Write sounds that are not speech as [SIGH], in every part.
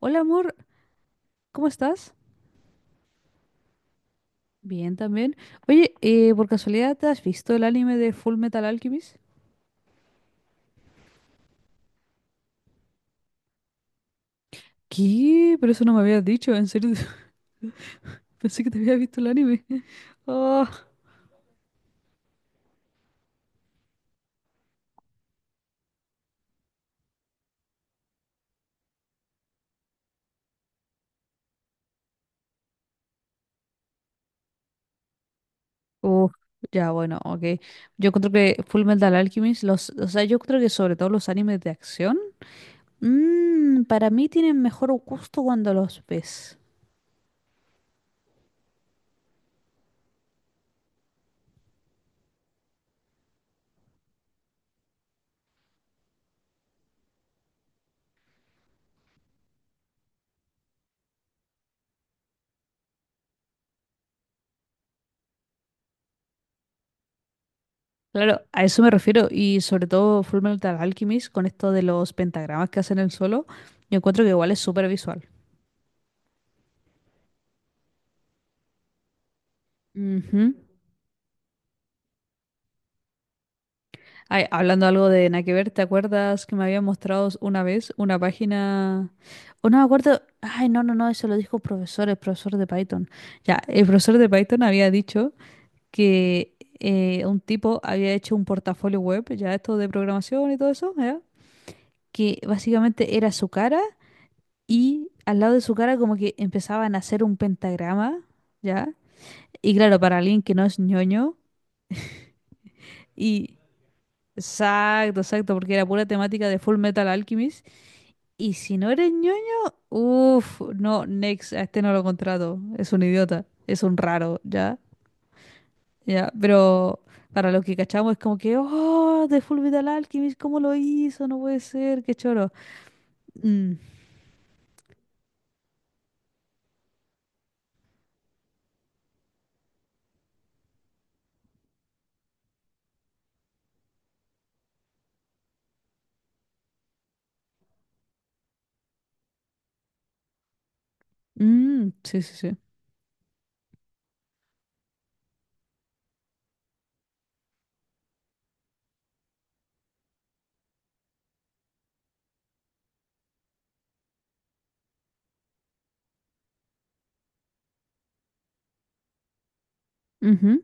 Hola amor, ¿cómo estás? Bien también. Oye, por casualidad, ¿te has visto el anime de Full Metal Alchemist? ¿Qué? Pero eso no me habías dicho, en serio. [LAUGHS] Pensé que te había visto el anime. [LAUGHS] Oh. Uf, ya, bueno, ok. Yo creo que Full Metal Alchemist, los, o sea, yo creo que sobre todo los animes de acción, para mí tienen mejor gusto cuando los ves. Claro, a eso me refiero. Y sobre todo Full Metal Alchemist, con esto de los pentagramas que hacen el solo, yo encuentro que igual es súper visual. Ujú. Ay, hablando algo de nada que ver, ¿te acuerdas que me habían mostrado una vez una página? O no me acuerdo. Ay, no, no, no, eso lo dijo un profesor, el profesor de Python. Ya, el profesor de Python había dicho que un tipo había hecho un portafolio web, ya esto de programación y todo eso, ¿ya? Que básicamente era su cara y al lado de su cara como que empezaban a hacer un pentagrama, ¿ya? Y claro, para alguien que no es ñoño y... Exacto, exacto, porque era pura temática de Full Metal Alchemist. Y si no eres ñoño, uff, no, next, a este no lo contrato. Es un idiota, es un raro, ya, ya. Pero para los que cachamos es como que, oh, de Fullmetal Alchemist, ¿cómo lo hizo? No puede ser, qué choro. Mm, mm, sí, sí, sí. Ujú.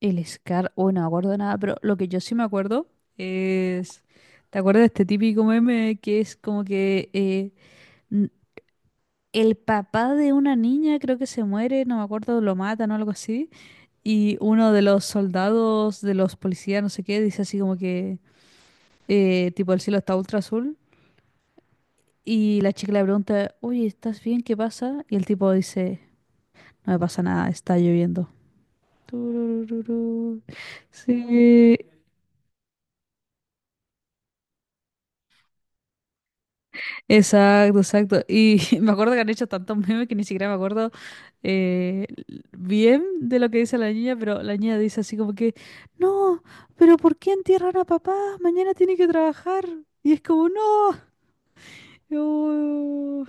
El Scar, oh, no me acuerdo de nada, pero lo que yo sí me acuerdo es. ¿Te acuerdas de este típico meme que es como que n- el papá de una niña creo que se muere, no me acuerdo, lo matan o algo así? Y uno de los soldados, de los policías, no sé qué, dice así como que, tipo, el cielo está ultra azul. Y la chica le pregunta, oye, ¿estás bien? ¿Qué pasa? Y el tipo dice, no me pasa nada, está lloviendo. Turururú. Sí, exacto, exacto. Y [LAUGHS] me acuerdo que han hecho tantos memes que ni siquiera me acuerdo eh, bien de lo que dice la niña, pero la niña dice así como que, no, pero ¿por qué entierran a papá? Mañana tiene que trabajar. Y es como, no. Yo-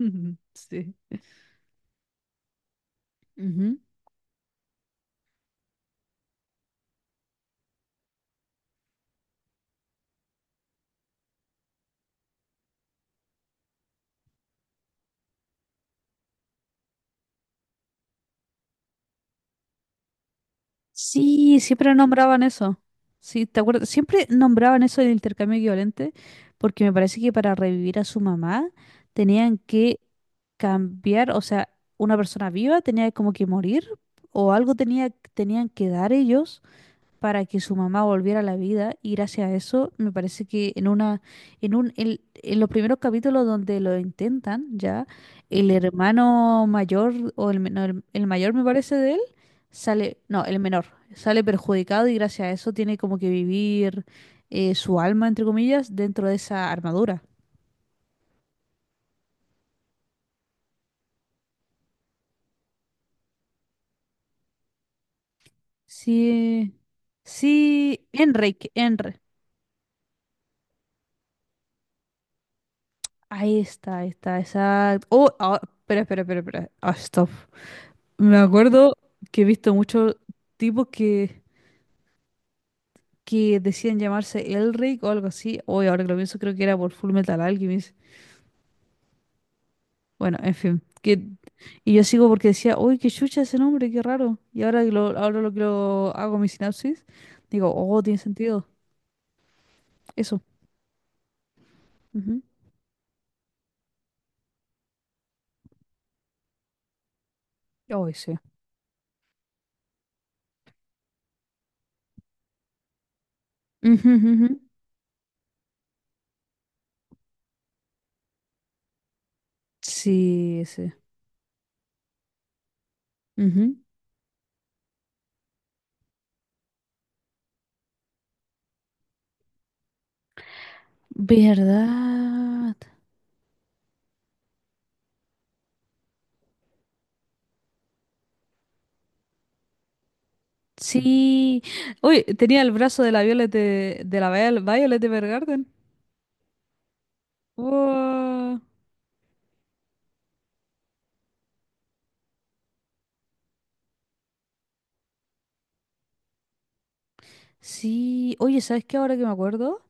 [LAUGHS] Sí. Ujú. Sí, siempre nombraban eso. Sí, ¿te acuerdas? Siempre nombraban eso del intercambio equivalente, porque me parece que para revivir a su mamá tenían que cambiar, o sea, una persona viva tenía como que morir, o algo tenía, tenían que dar ellos, para que su mamá volviera a la vida. Y gracias a eso me parece que en una en los primeros capítulos donde lo intentan, ya el hermano mayor o el, el mayor me parece de él, sale, no el menor, sale perjudicado, y gracias a eso tiene como que vivir su alma entre comillas dentro de esa armadura. Sí, sí, Enrique, Enrique. Ahí está, ahí está, exacto. Oh, ah, espera, ah, stop. Me acuerdo que he visto muchos tipos que decían llamarse Elric o algo así. Hoy, ahora que lo pienso, creo que era por Full Metal Alchemist. Bueno, en fin. Que, y yo sigo porque decía, uy, qué chucha ese nombre, qué raro. Y ahora que lo, ahora lo que lo hago mi sinapsis, digo, oh, tiene sentido. Eso. Ujú. Oh, ese. Ujú, ujú, ujú. Sí, ese. Ujú. ¿Verdad? Sí. Uy, tenía el brazo de la Violet de la Violet de... Wow. Sí, oye, ¿sabes qué? Ahora que me acuerdo,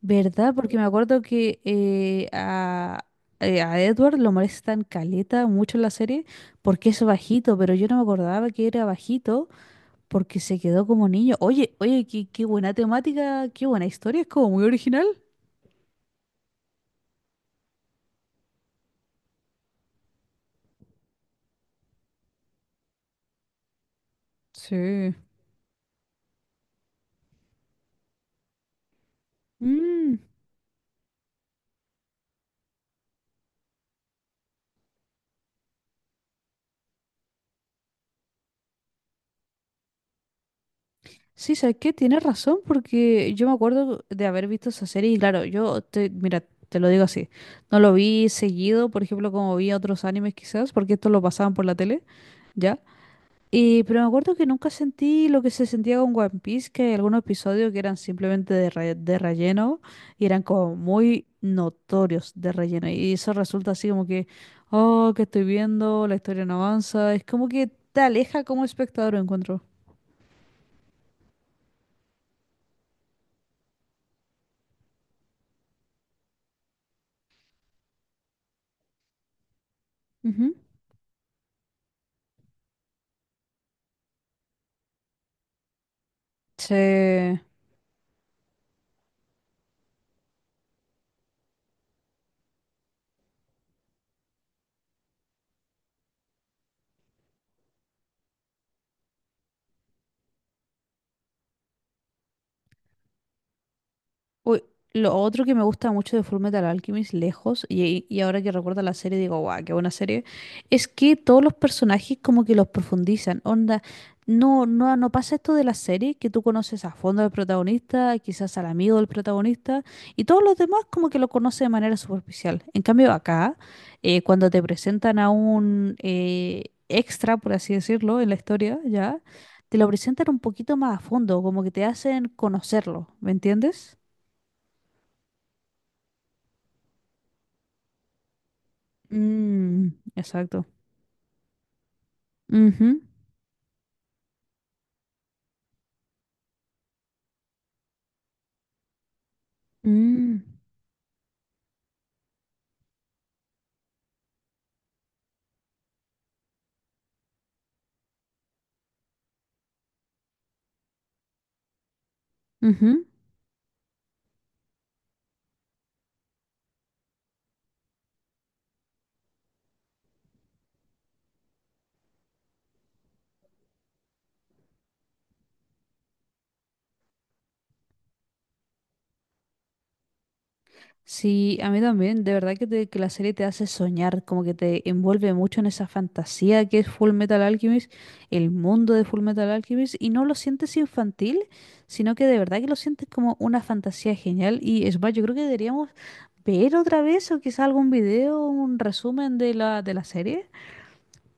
¿verdad? Porque me acuerdo que a Edward lo molestan caleta mucho en la serie porque es bajito, pero yo no me acordaba que era bajito porque se quedó como niño. Oye, oye, qué, qué buena temática, qué buena historia, es como muy original. Sí. Mm. Sí, ¿sabes qué? Tienes razón, porque yo me acuerdo de haber visto esa serie y claro, yo, te, mira, te lo digo así, no lo vi seguido, por ejemplo, como vi otros animes quizás, porque esto lo pasaban por la tele, ¿ya? Y, pero me acuerdo que nunca sentí lo que se sentía con One Piece, que hay algunos episodios que eran simplemente de, de relleno y eran como muy notorios de relleno. Y eso resulta así como que, oh, que estoy viendo, la historia no avanza, es como que te aleja como espectador, encuentro. Ujú. Sí. Uy, lo otro que me gusta mucho de Fullmetal Alchemist, lejos, y ahora que recuerdo la serie digo, guau, qué buena serie, es que todos los personajes como que los profundizan, onda, no, no, no pasa esto de la serie, que tú conoces a fondo al protagonista, quizás al amigo del protagonista, y todos los demás como que lo conoces de manera superficial. En cambio acá, cuando te presentan a un extra, por así decirlo, en la historia, ya, te lo presentan un poquito más a fondo, como que te hacen conocerlo, ¿me entiendes? Mm, exacto. Ujú, mm, ujú. Sí, a mí también. De verdad que, que la serie te hace soñar, como que te envuelve mucho en esa fantasía que es Full Metal Alchemist, el mundo de Full Metal Alchemist, y no lo sientes infantil, sino que de verdad que lo sientes como una fantasía genial. Y es más, yo creo que deberíamos ver otra vez o quizá algún video, un resumen de la serie.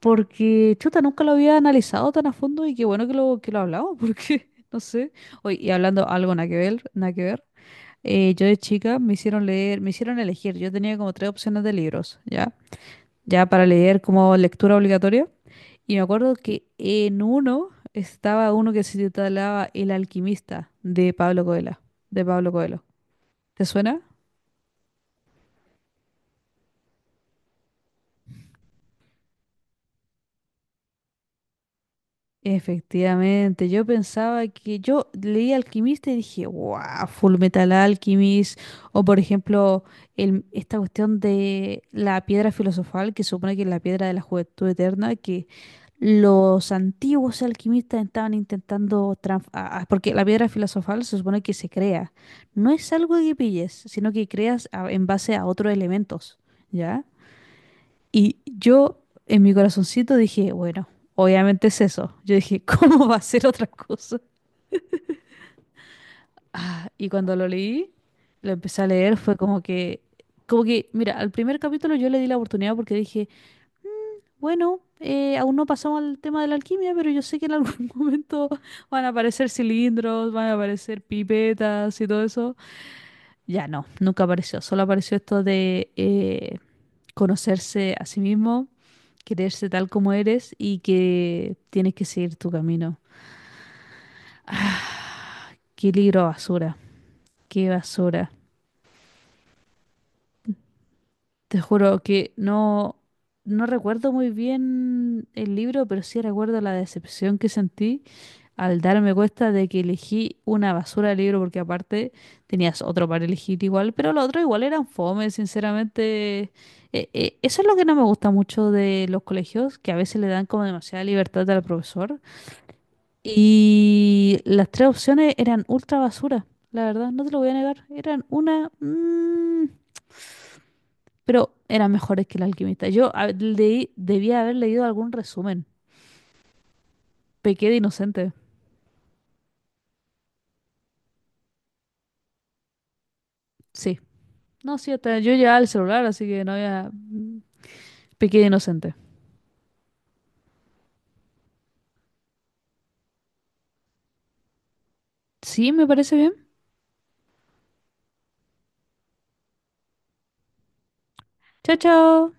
Porque, chuta, nunca lo había analizado tan a fondo y qué bueno que lo hablamos, [LAUGHS] porque, no sé. Oye, y hablando algo nada que ver, nada que ver, yo de chica me hicieron leer, me hicieron elegir. Yo tenía como tres opciones de libros, ¿ya? Ya para leer como lectura obligatoria. Y me acuerdo que en uno estaba uno que se titulaba El Alquimista de Pablo Coelho, de Pablo Coelho. ¿Te suena? Efectivamente, yo pensaba que yo leí Alquimista y dije, wow, Full Metal Alchemist, o por ejemplo, esta cuestión de la piedra filosofal, que supone que es la piedra de la juventud eterna, que los antiguos alquimistas estaban intentando, porque la piedra filosofal se supone que se crea, no es algo que pilles, sino que creas en base a otros elementos, ¿ya? Y yo en mi corazoncito dije, bueno, obviamente es eso. Yo dije, [LAUGHS] ¿cómo va a ser otra cosa? Ah, y cuando lo leí, lo empecé a leer, fue como que, mira, al primer capítulo yo le di la oportunidad porque dije, bueno, aún no pasamos al tema de la alquimia, pero yo sé que en algún [LAUGHS] momento van a aparecer cilindros, van a aparecer pipetas y todo eso. Ya no, nunca apareció. Solo apareció esto de conocerse a sí mismo, quererse tal como eres y que tienes que seguir tu camino. Qué libro basura, qué basura. Te juro que no, no recuerdo muy bien el libro, pero sí recuerdo la decepción que sentí al darme cuenta de que elegí una basura de libro, porque aparte tenías otro para elegir igual, pero los otros igual eran fome, sinceramente. Eso es lo que no me gusta mucho de los colegios, que a veces le dan como demasiada libertad al profesor. Y las tres opciones eran ultra basura, la verdad, no te lo voy a negar. Eran una... mm, pero eran mejores que El Alquimista. Yo leí, debía haber leído algún resumen. Pequé de inocente. Sí. No, sí, hasta yo llevaba el celular, así que no había... Pequé de inocente. Sí, me parece bien. Chao, chao.